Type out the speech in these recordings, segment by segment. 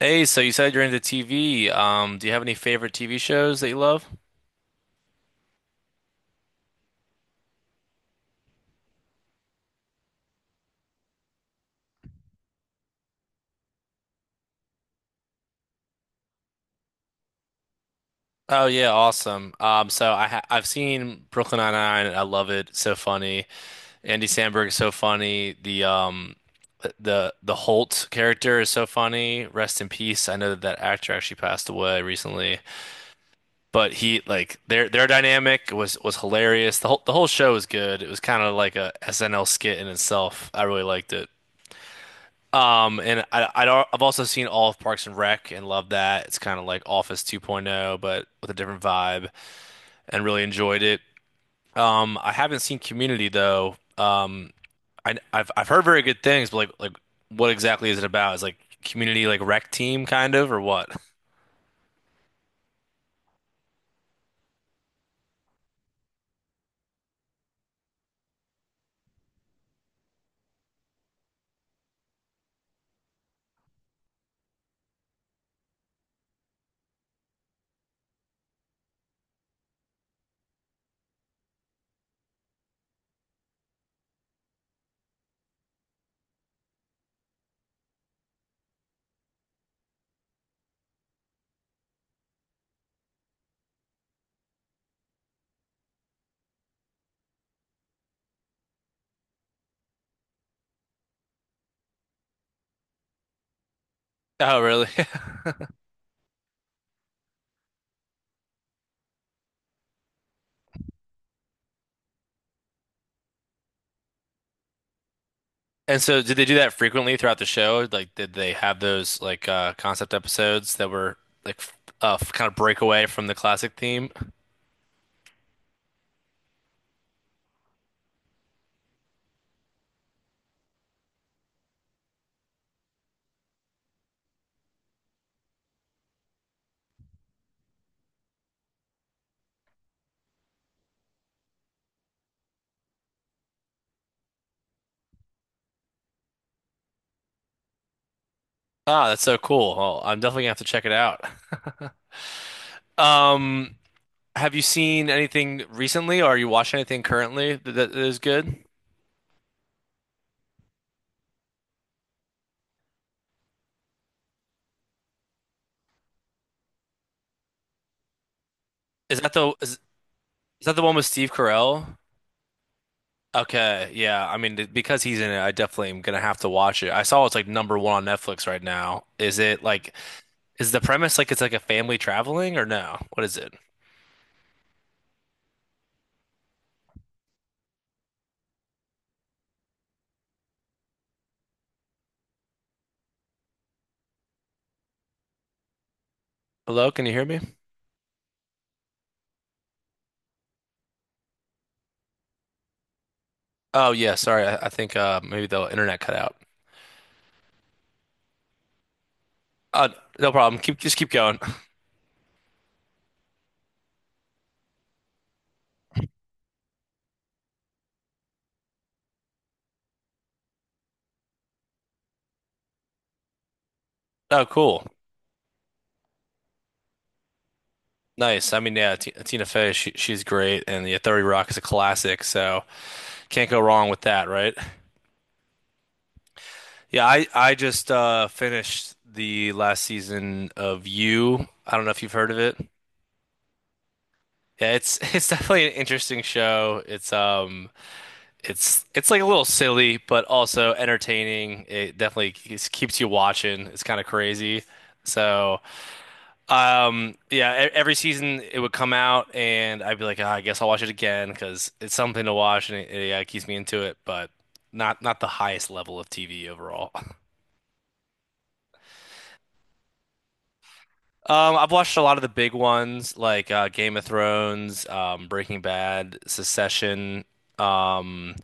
Hey, so you said you're into TV. Do you have any favorite TV shows that you love? Oh yeah, awesome. So I've seen Brooklyn Nine-Nine and I love it. So funny. Andy Samberg is so funny. The Holt character is so funny. Rest in peace. I know that actor actually passed away recently, but he like their dynamic was hilarious. The whole show was good. It was kind of like a SNL skit in itself. I really liked it. And I don't, I've also seen all of Parks and Rec and loved that. It's kind of like Office 2.0, but with a different vibe and really enjoyed it. I haven't seen Community though. I've heard very good things, but what exactly is it about? Is like Community like rec team kind of or what? Oh, really? And so did they do that frequently throughout the show? Like, did they have those like concept episodes that were like kind of break away from the classic theme? Ah, that's so cool. Oh, I'm definitely gonna have to check it out. Um, have you seen anything recently, or are you watching anything currently that is good? Is that the is, is that the one with Steve Carell? Okay, yeah. I mean, because he's in it, I definitely am gonna have to watch it. I saw it's like number one on Netflix right now. Is the premise like it's like a family traveling or no? What is it? Hello, can you hear me? Oh yeah, sorry. I think maybe the internet cut out. Uh, no problem. Keep just keep going. Oh, cool. Nice. I mean, yeah, T Tina Fey, she's great, and yeah, 30 Rock is a classic, so can't go wrong with that, right? Yeah, I just finished the last season of You. I don't know if you've heard of it. Yeah, it's it's definitely an interesting show. It's it's like a little silly, but also entertaining. It definitely keeps you watching. It's kind of crazy. So. Yeah, every season it would come out, and I'd be like, "Ah, I guess I'll watch it again because it's something to watch, and yeah, it keeps me into it." But not the highest level of TV overall. I've watched a lot of the big ones like Game of Thrones, Breaking Bad, Succession. Um,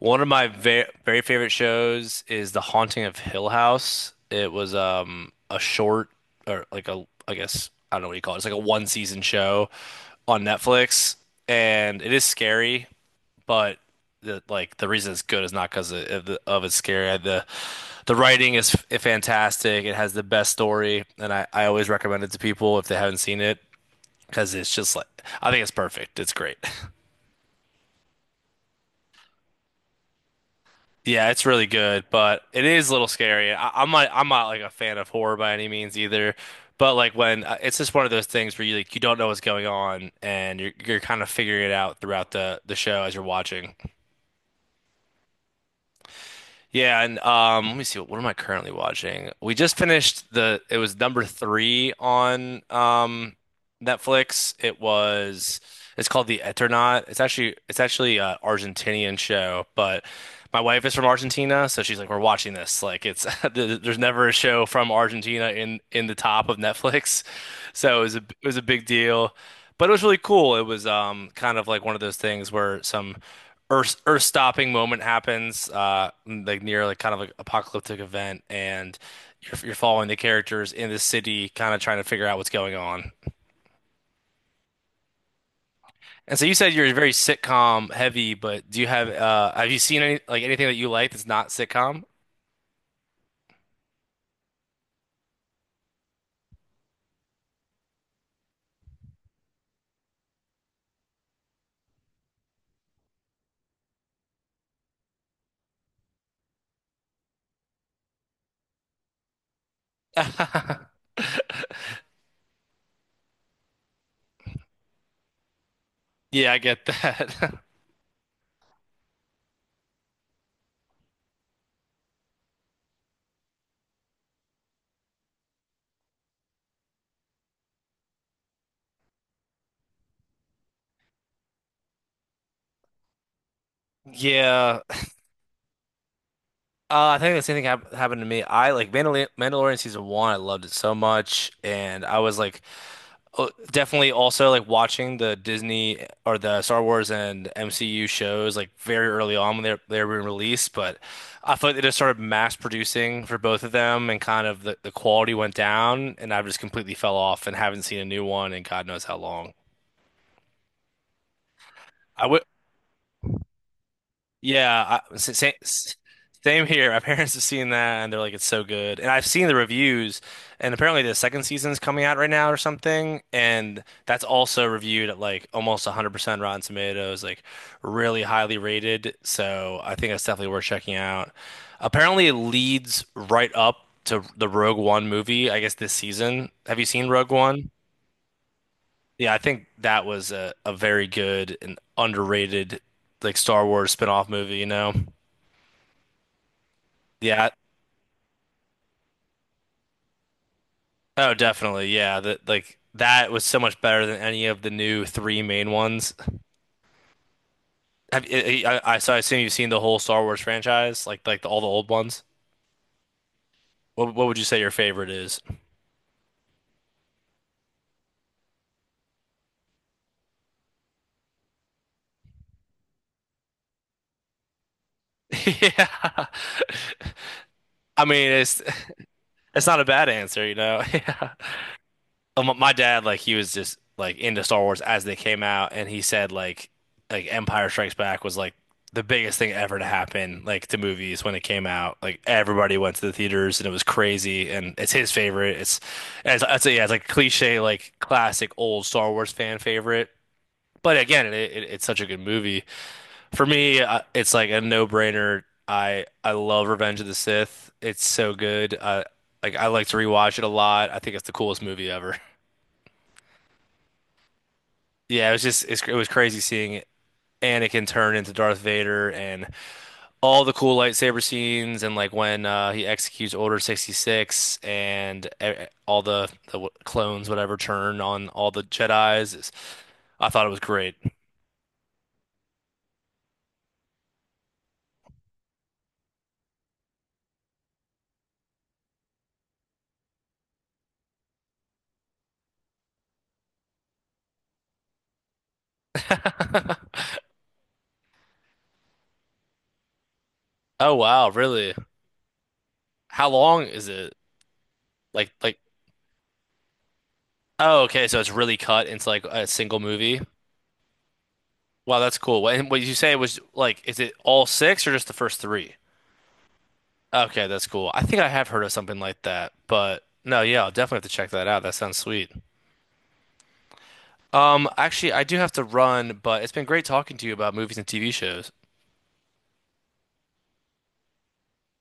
One of my very favorite shows is The Haunting of Hill House. It was a short, or like, a I guess I don't know what you call it. It's like a one season show on Netflix, and it is scary, but the reason it's good is not because of it's scary. The writing is f fantastic. It has the best story, and I always recommend it to people if they haven't seen it, because it's just like I think it's perfect. It's great. Yeah, it's really good, but it is a little scary. I'm not like a fan of horror by any means either, but like when it's just one of those things where you don't know what's going on, and you're kind of figuring it out throughout the show as you're watching. Yeah, and let me see, what am I currently watching? We just finished the it was number three on Netflix. It's called The Eternaut. It's actually a Argentinian show, but my wife is from Argentina, so she's like, we're watching this. Like it's there's never a show from Argentina in the top of Netflix. So it was a big deal. But it was really cool. It was kind of like one of those things where some earth stopping moment happens, like near like kind of like apocalyptic event, and you're following the characters in the city kind of trying to figure out what's going on. And so you said you're very sitcom heavy, but do you have you seen any anything that you like that's not sitcom? Yeah, I get that. Yeah, I think the same thing happened to me. I like Mandalorian season one. I loved it so much, and I was like definitely also like watching the Disney or the Star Wars and MCU shows like very early on when they were released, but I feel like they just started mass producing for both of them, and kind of the quality went down, and I've just completely fell off and haven't seen a new one in God knows how long. I Yeah, same, same here. My parents have seen that, and they're like, it's so good. And I've seen the reviews, and apparently the second season's coming out right now or something. And that's also reviewed at like almost 100% Rotten Tomatoes, like really highly rated. So I think that's definitely worth checking out. Apparently, it leads right up to the Rogue One movie, I guess this season. Have you seen Rogue One? Yeah, I think that was a very good and underrated like Star Wars spin-off movie, you know? Yeah. Oh, definitely. Yeah. That that was so much better than any of the new three main ones. Have, I- so I assume you've seen the whole Star Wars franchise, like all the old ones. What would you say your favorite is? Yeah. I mean, it's not a bad answer, you know. Yeah. My dad, like, he was just like into Star Wars as they came out, and he said like Empire Strikes Back was like the biggest thing ever to happen like to movies when it came out. Like everybody went to the theaters, and it was crazy. And it's his favorite. It's As I'd say, yeah, it's like cliche, like classic old Star Wars fan favorite. But again, it's such a good movie. For me, it's like a no-brainer. I love Revenge of the Sith. It's so good. Like I like to rewatch it a lot. I think it's the coolest movie ever. Yeah, it was just it was crazy seeing Anakin turn into Darth Vader and all the cool lightsaber scenes, and like when he executes Order 66, and all the clones whatever turn on all the Jedis. I thought it was great. Oh wow, really? How long is it? Like like oh okay, so it's really cut into like a single movie. Wow, that's cool. What, and what you say was like, is it all six or just the first three? Okay, that's cool. I think I have heard of something like that, but no, yeah, I'll definitely have to check that out. That sounds sweet. Actually, I do have to run, but it's been great talking to you about movies and TV shows.